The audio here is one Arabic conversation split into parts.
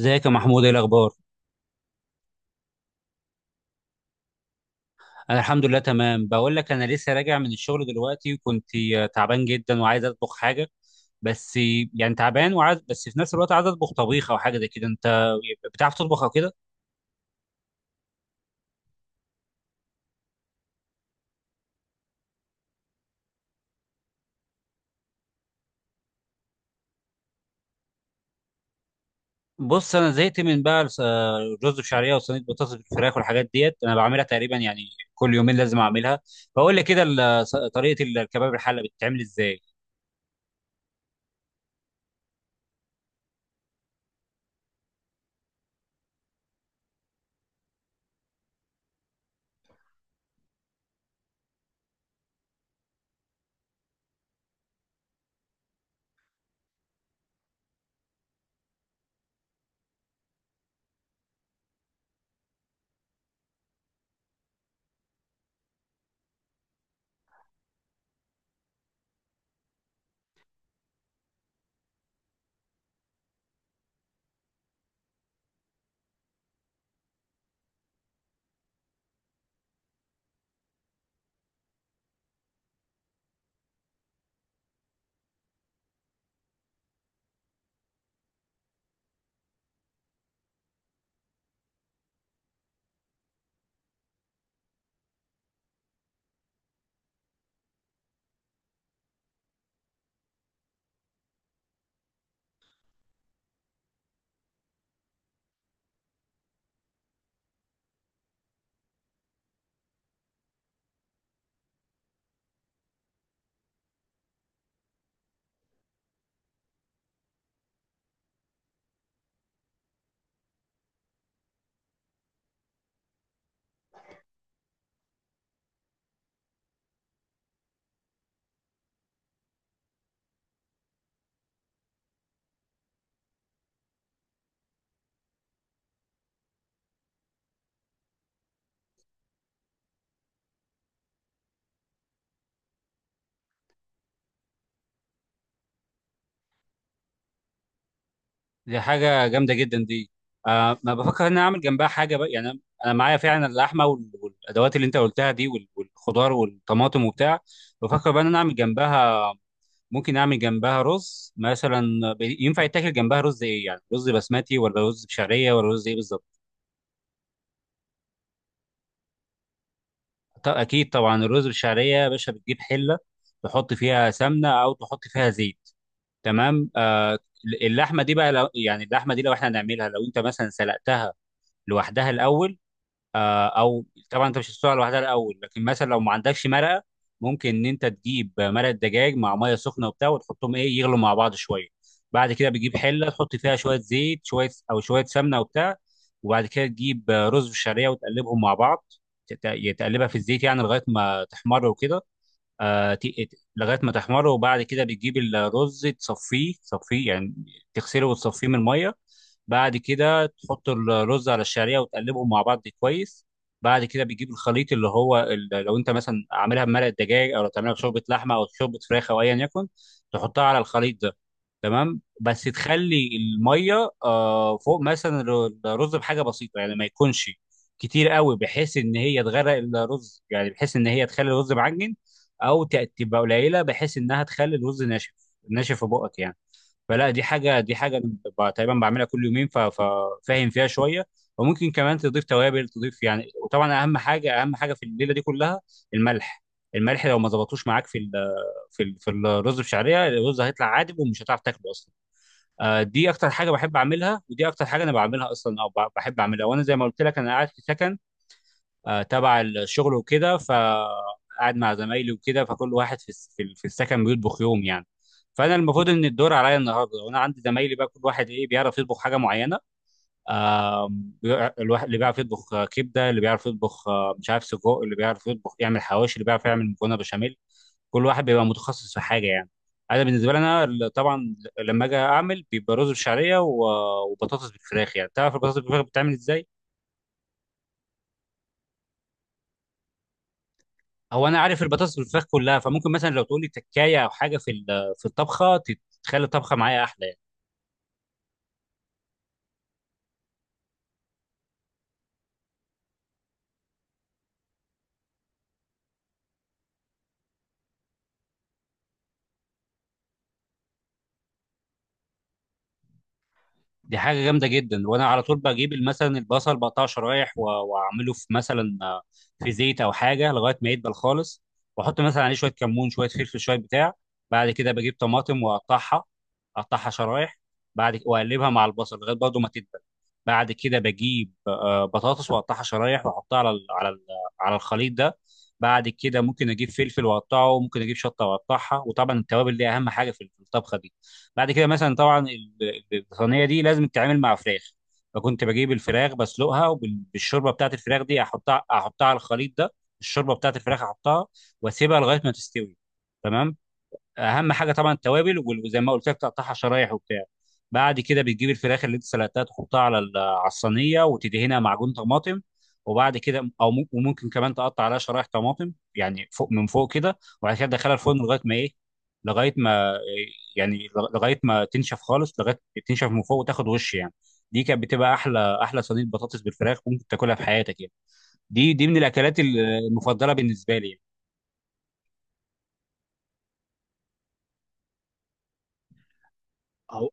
ازيك يا محمود؟ ايه الاخبار؟ انا الحمد لله تمام. بقول لك انا لسه راجع من الشغل دلوقتي وكنت تعبان جدا وعايز اطبخ حاجه، بس يعني تعبان وعايز، بس في نفس الوقت عايز اطبخ طبيخ او حاجه زي كده. انت بتعرف تطبخ او كده؟ بص، انا زهقت من بقى الرز بشعريه وصينيه بطاطس بالفراخ، والحاجات ديت انا بعملها تقريبا يعني كل يومين لازم اعملها. فقول لي كده طريقه الكباب الحله بتتعمل ازاي؟ دي حاجة جامدة جدا دي. آه، ما بفكر ان انا اعمل جنبها حاجة بقى، يعني أنا معايا فعلا اللحمة والادوات اللي انت قلتها دي والخضار والطماطم وبتاع. بفكر بقى ان انا اعمل جنبها، ممكن اعمل جنبها رز مثلا. ينفع يتاكل جنبها رز ايه؟ يعني رز بسمتي ولا رز بشعرية ولا رز ايه بالظبط؟ اكيد طبعا. الرز بالشعرية يا باشا، بتجيب حلة تحط فيها سمنة او تحط فيها زيت. تمام. آه، اللحمة دي بقى لو يعني اللحمة دي لو احنا هنعملها، لو انت مثلا سلقتها لوحدها الاول، او طبعا انت مش هتسلقها لوحدها الاول، لكن مثلا لو ما عندكش مرقه، ممكن ان انت تجيب مرقه دجاج مع ميه سخنه وبتاع، وتحطهم ايه، يغلوا مع بعض شويه. بعد كده بتجيب حله تحط فيها شويه زيت شويه، او شويه سمنه وبتاع. وبعد كده تجيب رز بالشعريه وتقلبهم مع بعض. تقلبها في الزيت يعني لغايه ما تحمر وكده. لغايه ما تحمر. وبعد كده بتجيب الرز تصفيه، تصفيه يعني تغسله وتصفيه من الميه. بعد كده تحط الرز على الشعريه وتقلبهم مع بعض كويس. بعد كده بتجيب الخليط اللي هو لو انت مثلا عاملها بمرق الدجاج، او لو تعملها بشوربه لحمه او شوربه فراخ او ايا يكن، تحطها على الخليط ده. تمام. بس تخلي الميه آه فوق مثلا الرز بحاجه بسيطه، يعني ما يكونش كتير قوي بحيث ان هي تغرق الرز، يعني بحيث ان هي تخلي الرز معجن، او تبقى قليله بحيث انها تخلي الرز ناشف، ناشف في بقك يعني. فلا، دي حاجه، دي حاجه تقريبا بعملها كل يومين، ففاهم فيها شويه. وممكن كمان تضيف توابل، تضيف يعني. وطبعا اهم حاجه، اهم حاجه في الليله دي كلها الملح. الملح لو ما ظبطوش معاك في ال في ال في الرز بشعريه، الرز هيطلع عادب ومش هتعرف تاكله اصلا. آه، دي اكتر حاجه بحب اعملها، ودي اكتر حاجه انا بعملها اصلا، او بحب اعملها. وانا زي ما قلت لك انا قاعد في سكن آه، تبع الشغل وكده، فقعد مع زمايلي وكده، فكل واحد في في السكن بيطبخ يوم يعني. فانا المفروض ان الدور عليا النهارده، وانا عندي زمايلي بقى كل واحد ايه بيعرف يطبخ حاجه معينه. الواحد اللي بيعرف يطبخ كبده، اللي بيعرف يطبخ مش عارف سجق، اللي بيعرف يطبخ يعمل حواوشي، اللي بيعرف يعمل مكرونه بشاميل. كل واحد بيبقى متخصص في حاجه يعني. انا بالنسبه لي انا طبعا لما اجي اعمل بيبقى رز بشعريه وبطاطس بالفراخ يعني. تعرف البطاطس بالفراخ بتتعمل ازاي؟ هو انا عارف البطاطس بالفراخ كلها، فممكن مثلا لو تقول لي تكايه او حاجه في في الطبخه تخلي الطبخه معايا احلى يعني. دي حاجه جامده جدا. وانا على طول بجيب مثلا البصل بقطعه شرايح واعمله في مثلا آه، في زيت او حاجه لغايه ما يدبل خالص. واحط مثلا عليه شويه كمون شويه فلفل شويه بتاع. بعد كده بجيب طماطم واقطعها، اقطعها شرايح. واقلبها مع البصل لغايه برضه ما تدبل. بعد كده بجيب آه، بطاطس واقطعها شرايح واحطها على على الخليط ده. بعد كده ممكن اجيب فلفل واقطعه، ممكن اجيب شطه واقطعها، وطبعا التوابل دي اهم حاجه في الطبخه دي. بعد كده مثلا طبعا الصينيه دي لازم تتعامل مع فراخ، فكنت بجيب الفراخ بسلقها، وبالشوربه بتاعت الفراخ دي احطها، احطها على الخليط ده. الشوربه بتاعت الفراخ احطها واسيبها لغايه ما تستوي. تمام. اهم حاجه طبعا التوابل وزي ما قلت لك تقطعها شرايح وبتاع. بعد كده بتجيب الفراخ اللي انت سلقتها، تحطها على على الصينيه وتدهنها معجون طماطم. وبعد كده او وممكن كمان تقطع عليها شرايح طماطم يعني فوق من فوق كده. وبعد كده تدخلها الفرن لغايه ما ايه، لغايه ما إيه؟ يعني لغايه ما تنشف خالص، لغايه تنشف من فوق وتاخد وش يعني. دي كانت بتبقى احلى احلى صينيه بطاطس بالفراخ ممكن تاكلها في حياتك يعني. دي دي من الاكلات المفضله بالنسبه لي يعني. هو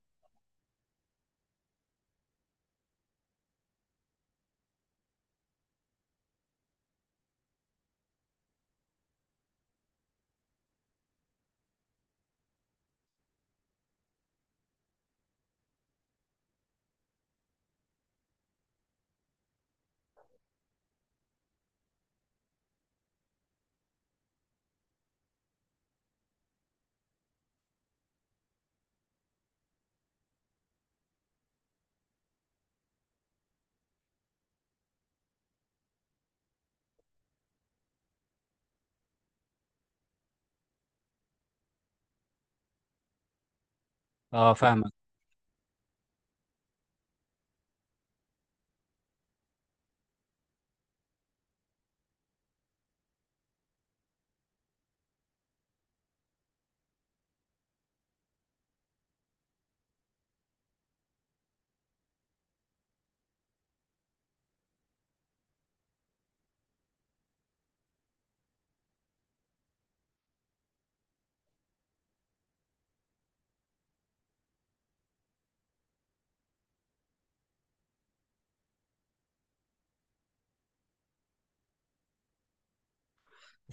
اه فاهمك،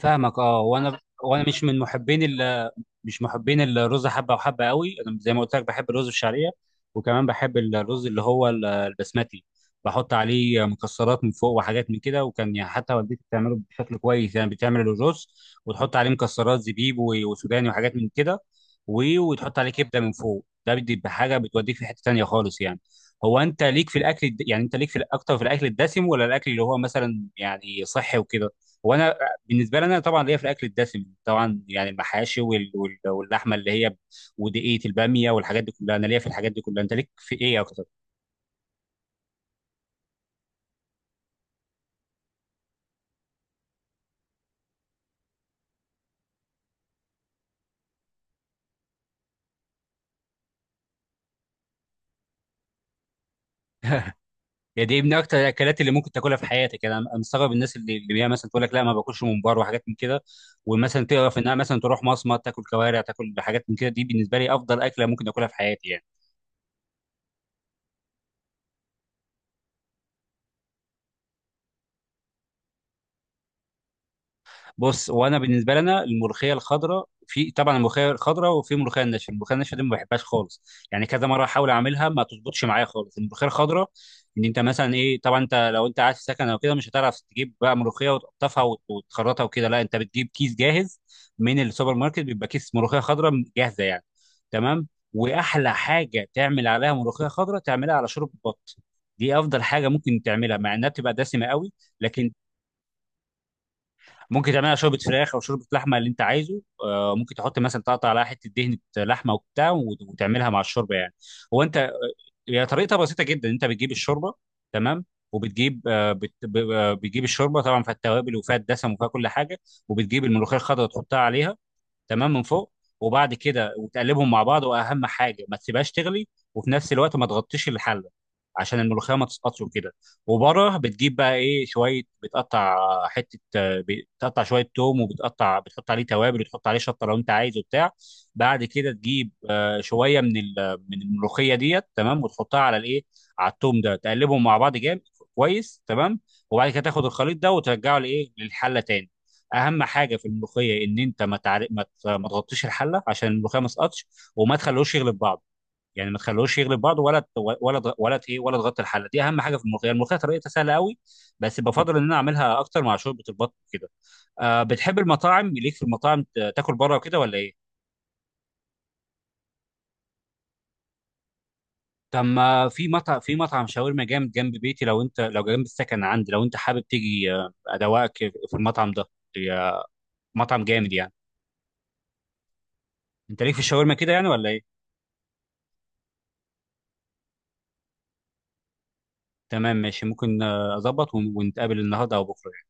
فاهمك. اه، وانا مش من محبين ال... مش محبين الرز حبه وحبه قوي. انا زي ما قلت لك بحب الرز الشعريه، وكمان بحب الرز اللي هو البسمتي. بحط عليه مكسرات من فوق وحاجات من كده. وكان يعني حتى والدتي بتعمله بشكل كويس يعني، بتعمل الرز وتحط عليه مكسرات زبيب وسوداني وحاجات من كده. و... وتحط عليه كبده من فوق، ده بيدي بحاجه بتوديك في حته تانيه خالص يعني. هو انت ليك في الاكل يعني انت ليك في اكتر في الاكل الدسم ولا الاكل اللي هو مثلا يعني صحي وكده؟ وانا بالنسبه لي انا طبعا ليا في الاكل الدسم طبعا، يعني المحاشي وال... وال... واللحمه اللي هي ودقيقه الباميه والحاجات دي كلها، انا ليا في الحاجات دي كلها. انت ليك في ايه اكتر؟ يعني دي من اكتر الاكلات اللي ممكن تاكلها في حياتك يعني. أنا مستغرب الناس اللي هي مثلا تقول لك لا ما باكلش ممبار وحاجات من كده، ومثلا تعرف انها مثلا تروح مصمت تاكل كوارع تاكل حاجات من كده. دي بالنسبه لي افضل اكله ممكن اكلها في حياتي يعني. بص، وانا بالنسبه لنا الملوخيه الخضراء، في طبعا الملوخيه الخضراء وفي ملوخيه الناشفه. الملوخيه الناشفه دي ما بحبهاش خالص، يعني كذا مره احاول اعملها ما تظبطش معايا خالص. الملوخيه الخضراء ان انت مثلا ايه، طبعا انت لو انت قاعد في سكن او كده مش هتعرف تجيب بقى ملوخيه وتقطفها وتخرطها وكده، لا انت بتجيب كيس جاهز من السوبر ماركت، بيبقى كيس ملوخيه خضراء جاهزه يعني. تمام. واحلى حاجه تعمل عليها ملوخيه خضراء، تعملها على شوربه بط. دي افضل حاجه ممكن تعملها، مع انها بتبقى دسمه قوي. لكن ممكن تعملها شوربه فراخ او شوربه لحمه اللي انت عايزه. آه، ممكن تحط مثلا، تقطع عليها حته دهنه لحمه وبتاع وتعملها مع الشوربه يعني. هو انت، هي طريقتها بسيطه جدا. انت بتجيب الشوربه، تمام، وبتجيب آه، بت... ب- آه، بتجيب الشوربه طبعا فيها التوابل وفيها الدسم وفيها كل حاجه. وبتجيب الملوخيه الخضراء تحطها عليها، تمام، من فوق. وبعد كده وتقلبهم مع بعض، واهم حاجه ما تسيبهاش تغلي، وفي نفس الوقت ما تغطيش الحله، عشان الملوخيه ما تسقطش وكده. وبره بتجيب بقى ايه، شويه بتقطع حته، بتقطع شويه توم، وبتقطع بتحط عليه توابل وتحط عليه شطه لو انت عايز وبتاع. بعد كده تجيب آه، شويه من من الملوخيه ديت، تمام، وتحطها على الايه، على التوم ده، تقلبهم مع بعض جامد كويس. تمام. وبعد كده تاخد الخليط ده وترجعه لايه، للحله تاني. اهم حاجه في الملوخيه ان انت ما تعر... ما تغطيش الحله عشان الملوخيه ما تسقطش، وما تخلوش يغلب بعض، يعني ما تخلوش يغلب بعض، ولا ت- ولا ت- ولا ت- ايه ولا تغطي الحله. دي اهم حاجه في الملوخيه. الملوخيه طريقتها سهله قوي، بس بفضل ان انا اعملها اكتر مع شوربه البط كده. آه، بتحب المطاعم؟ ليك في المطاعم تاكل بره وكده ولا ايه؟ طب ما في مطعم، في مطعم شاورما جامد جنب بيتي، لو انت، لو جنب السكن عندي لو انت حابب تيجي آه، ادوقك في المطعم ده. يا- مطعم جامد يعني. انت ليك في الشاورما كده يعني ولا ايه؟ تمام ماشي، ممكن آه، اظبط ونتقابل النهارده او بكره.